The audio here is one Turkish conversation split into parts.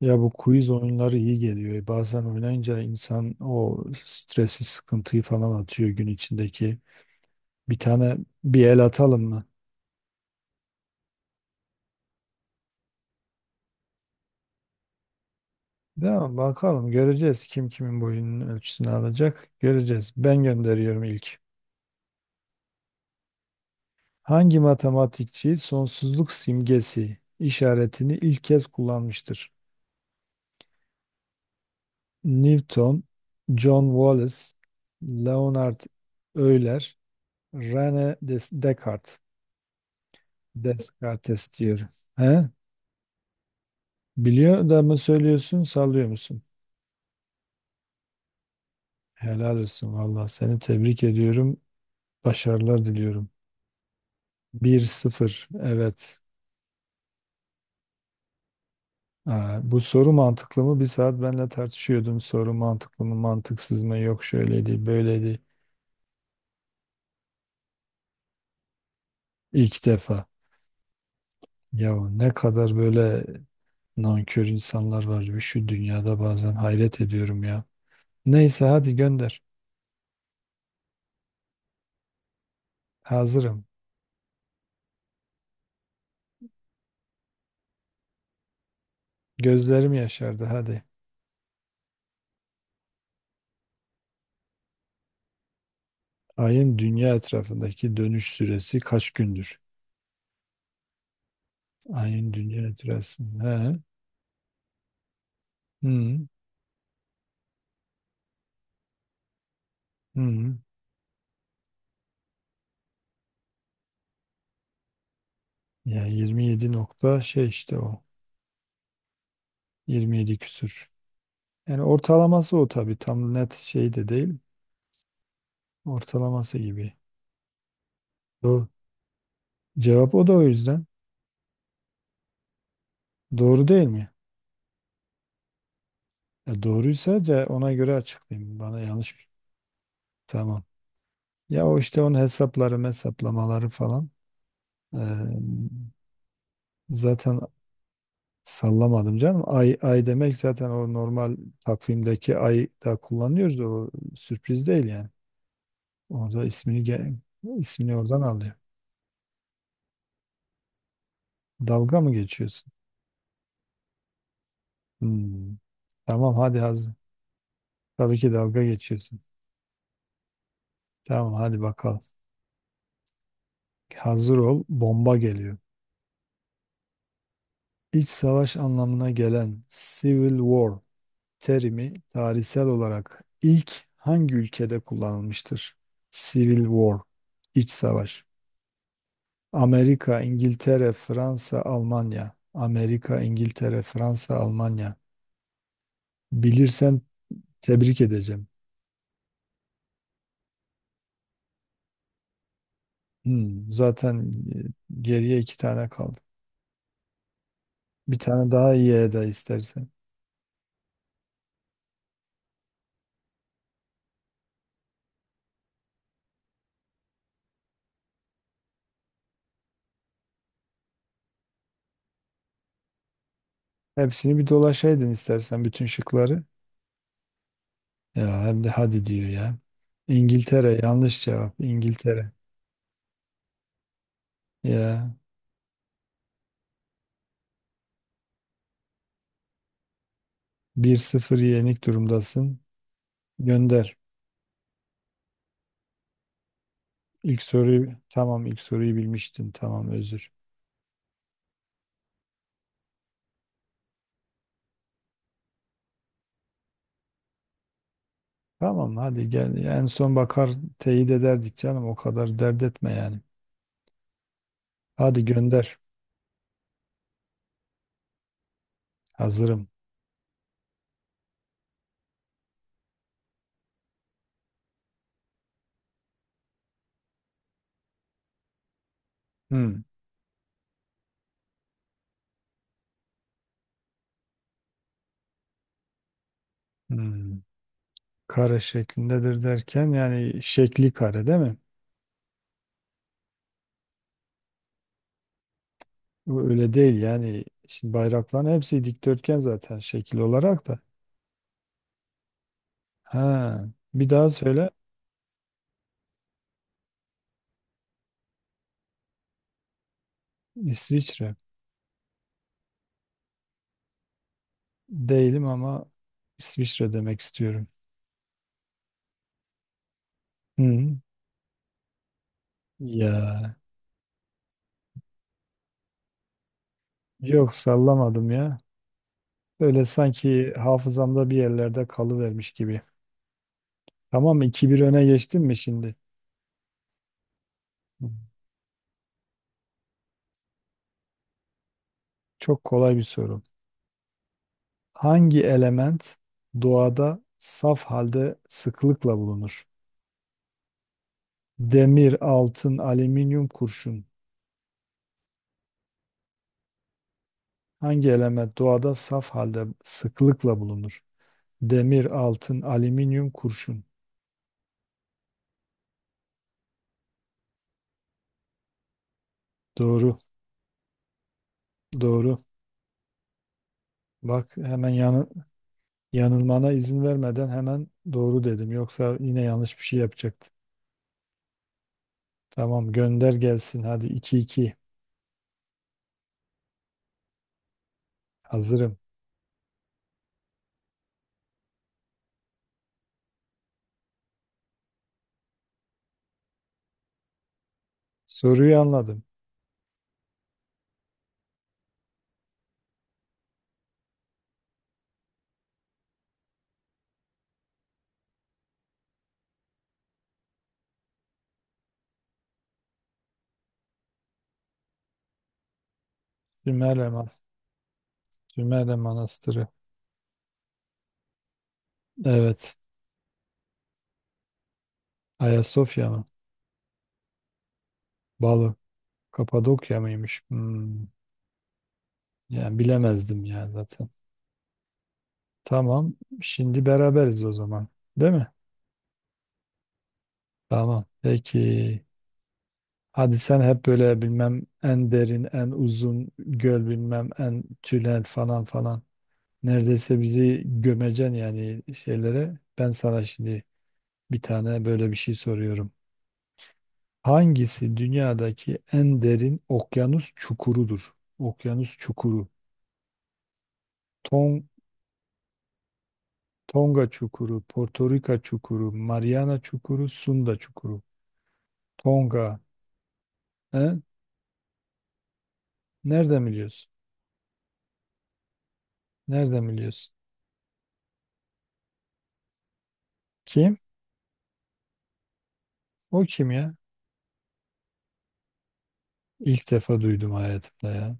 Ya bu quiz oyunları iyi geliyor. Bazen oynayınca insan o stresi, sıkıntıyı falan atıyor gün içindeki. Bir tane bir el atalım mı? Ya bakalım göreceğiz kim kimin boyunun ölçüsünü alacak. Göreceğiz. Ben gönderiyorum ilk. Hangi matematikçi sonsuzluk simgesi işaretini ilk kez kullanmıştır? Newton, John Wallace, Leonard Euler, Descartes. Descartes diyorum. He? Biliyor da mı söylüyorsun, sallıyor musun? Helal olsun valla. Seni tebrik ediyorum. Başarılar diliyorum. Bir sıfır. Evet. Aa, bu soru mantıklı mı? Bir saat benimle tartışıyordun. Soru mantıklı mı, mantıksız mı? Yok şöyleydi, böyleydi. İlk defa. Ya ne kadar böyle nankör insanlar var ya şu dünyada bazen hayret ediyorum ya. Neyse hadi gönder. Hazırım. Gözlerim yaşardı hadi. Ayın dünya etrafındaki dönüş süresi kaç gündür? Ayın dünya itirazsın. He. Hı. Hı. Yani 27 nokta şey işte o. 27 küsür. Yani ortalaması o tabii. Tam net şey de değil. Ortalaması gibi. Doğru. Cevap o da o yüzden. Doğru değil mi? Ya doğruysa ona göre açıklayayım. Bana yanlış. Tamam. Ya o işte onun hesapları, hesaplamaları falan. Ee, zaten sallamadım canım. Ay, ay demek zaten o normal takvimdeki ay da kullanıyoruz. O sürpriz değil yani. Orada ismini ge- ismini oradan alıyor. Dalga mı geçiyorsun? Hmm, Tamam hadi hazır. Tabii ki dalga geçiyorsun. Tamam hadi bakalım. Hazır ol, bomba geliyor. İç savaş anlamına gelen Civil War terimi tarihsel olarak ilk hangi ülkede kullanılmıştır? Civil War, iç savaş. Amerika, İngiltere, Fransa, Almanya. Amerika, İngiltere, Fransa, Almanya. Bilirsen tebrik edeceğim. Zaten geriye iki tane kaldı. Bir tane daha iyi eda istersen. Hepsini bir dolaşaydın istersen bütün şıkları. Ya hem de hadi diyor ya. İngiltere yanlış cevap. İngiltere. Ya bir sıfır yenik durumdasın. Gönder. İlk soruyu tamam, ilk soruyu bilmiştin. Tamam özür. Tamam hadi gel. En son bakar teyit ederdik canım. O kadar dert etme yani. Hadi gönder. Hazırım. Hmm. Hmm. Kare şeklindedir derken yani şekli kare değil mi? Bu öyle değil yani. Şimdi bayrakların hepsi dikdörtgen zaten şekil olarak da. Ha, bir daha söyle. İsviçre. Değilim ama İsviçre demek istiyorum. Hı. Ya yok sallamadım ya. Böyle sanki hafızamda bir yerlerde kalıvermiş gibi. Tamam mı? İki bir öne geçtim mi şimdi? Hı. Çok kolay bir soru. Hangi element doğada saf halde sıklıkla bulunur? Demir, altın, alüminyum, kurşun. Hangi element doğada saf halde sıklıkla bulunur? Demir, altın, alüminyum, kurşun. Doğru, doğru. Bak hemen yanılmana izin vermeden hemen doğru dedim. Yoksa yine yanlış bir şey yapacaktım. Tamam gönder gelsin. Hadi iki iki. Hazırım. Soruyu anladım. Sümerle, Mas Sümerle Manastırı. Evet. Ayasofya mı? Balı. Kapadokya mıymış? Hmm. Yani bilemezdim ya zaten. Tamam. Şimdi beraberiz o zaman. Değil mi? Tamam. Peki. Hadi sen hep böyle bilmem en derin, en uzun göl bilmem en tünel falan falan. Neredeyse bizi gömeceksin yani şeylere. Ben sana şimdi bir tane böyle bir şey soruyorum. Hangisi dünyadaki en derin okyanus çukurudur? Okyanus çukuru. Ton Tonga çukuru, Porto Rica çukuru, Mariana çukuru, Sunda çukuru. Tonga. He? Nereden biliyorsun? Nereden biliyorsun? Kim? O kim ya? İlk defa duydum hayatımda ya.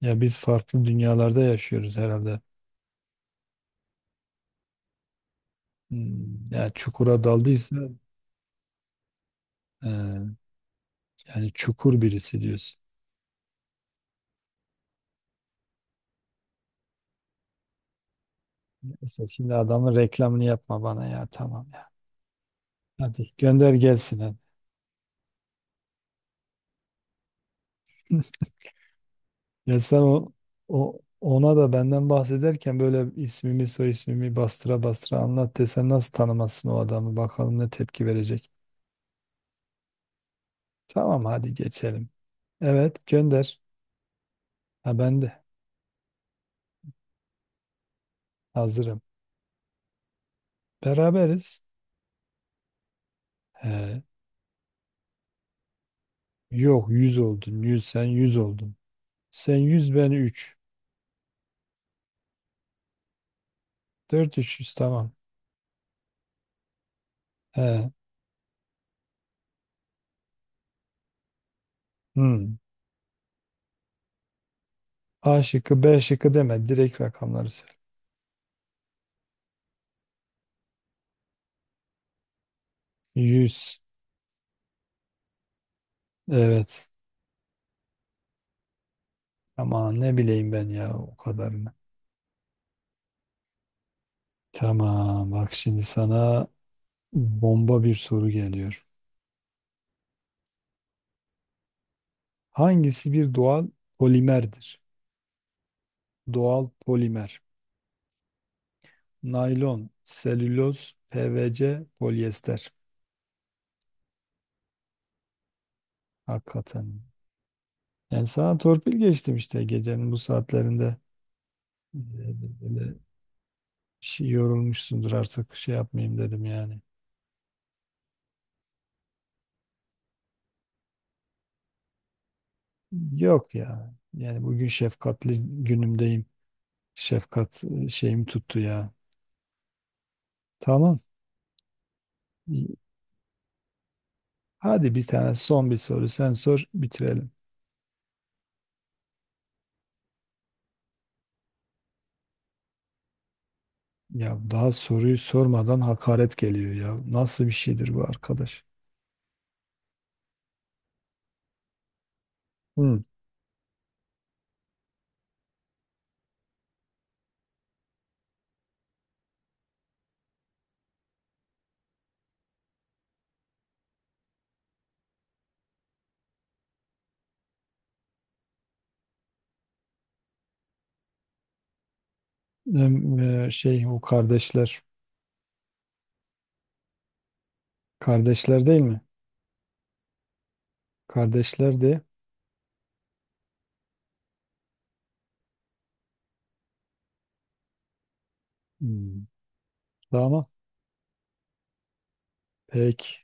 Ya biz farklı dünyalarda yaşıyoruz herhalde. Hmm, ya çukura daldıysa e, yani çukur birisi diyorsun. Neyse şimdi adamın reklamını yapma bana ya tamam ya. Hadi gönder gelsin hadi. Ya sen o, O ona da benden bahsederken böyle ismimi soy ismimi bastıra bastıra anlat desen nasıl tanımasın o adamı bakalım ne tepki verecek. Tamam hadi geçelim. Evet gönder. Ha ben de hazırım. Beraberiz. He. Yok 100 oldun. Yüz, sen 100 oldun. Sen 100 ben üç, dört üç yüz tamam. He. Hmm. A şıkkı B şıkkı deme. Direkt rakamları söyle. Yüz. Evet. Ama ne bileyim ben ya o kadarını. Tamam bak şimdi sana bomba bir soru geliyor. Hangisi bir doğal polimerdir? Doğal polimer. Naylon, selüloz, PVC, polyester. Hakikaten yani sana torpil geçtim işte gecenin bu saatlerinde. Ee, Böyle şey yorulmuşsundur artık şey yapmayayım dedim yani. Yok ya. Yani bugün şefkatli günümdeyim. Şefkat şeyim tuttu ya. Tamam. Hadi bir tane son bir soru sen sor bitirelim. Ya daha soruyu sormadan hakaret geliyor ya. Nasıl bir şeydir bu arkadaş? Hı. Şey o kardeşler. Kardeşler değil mi? Kardeşler de. Hı. Tamam. Peki.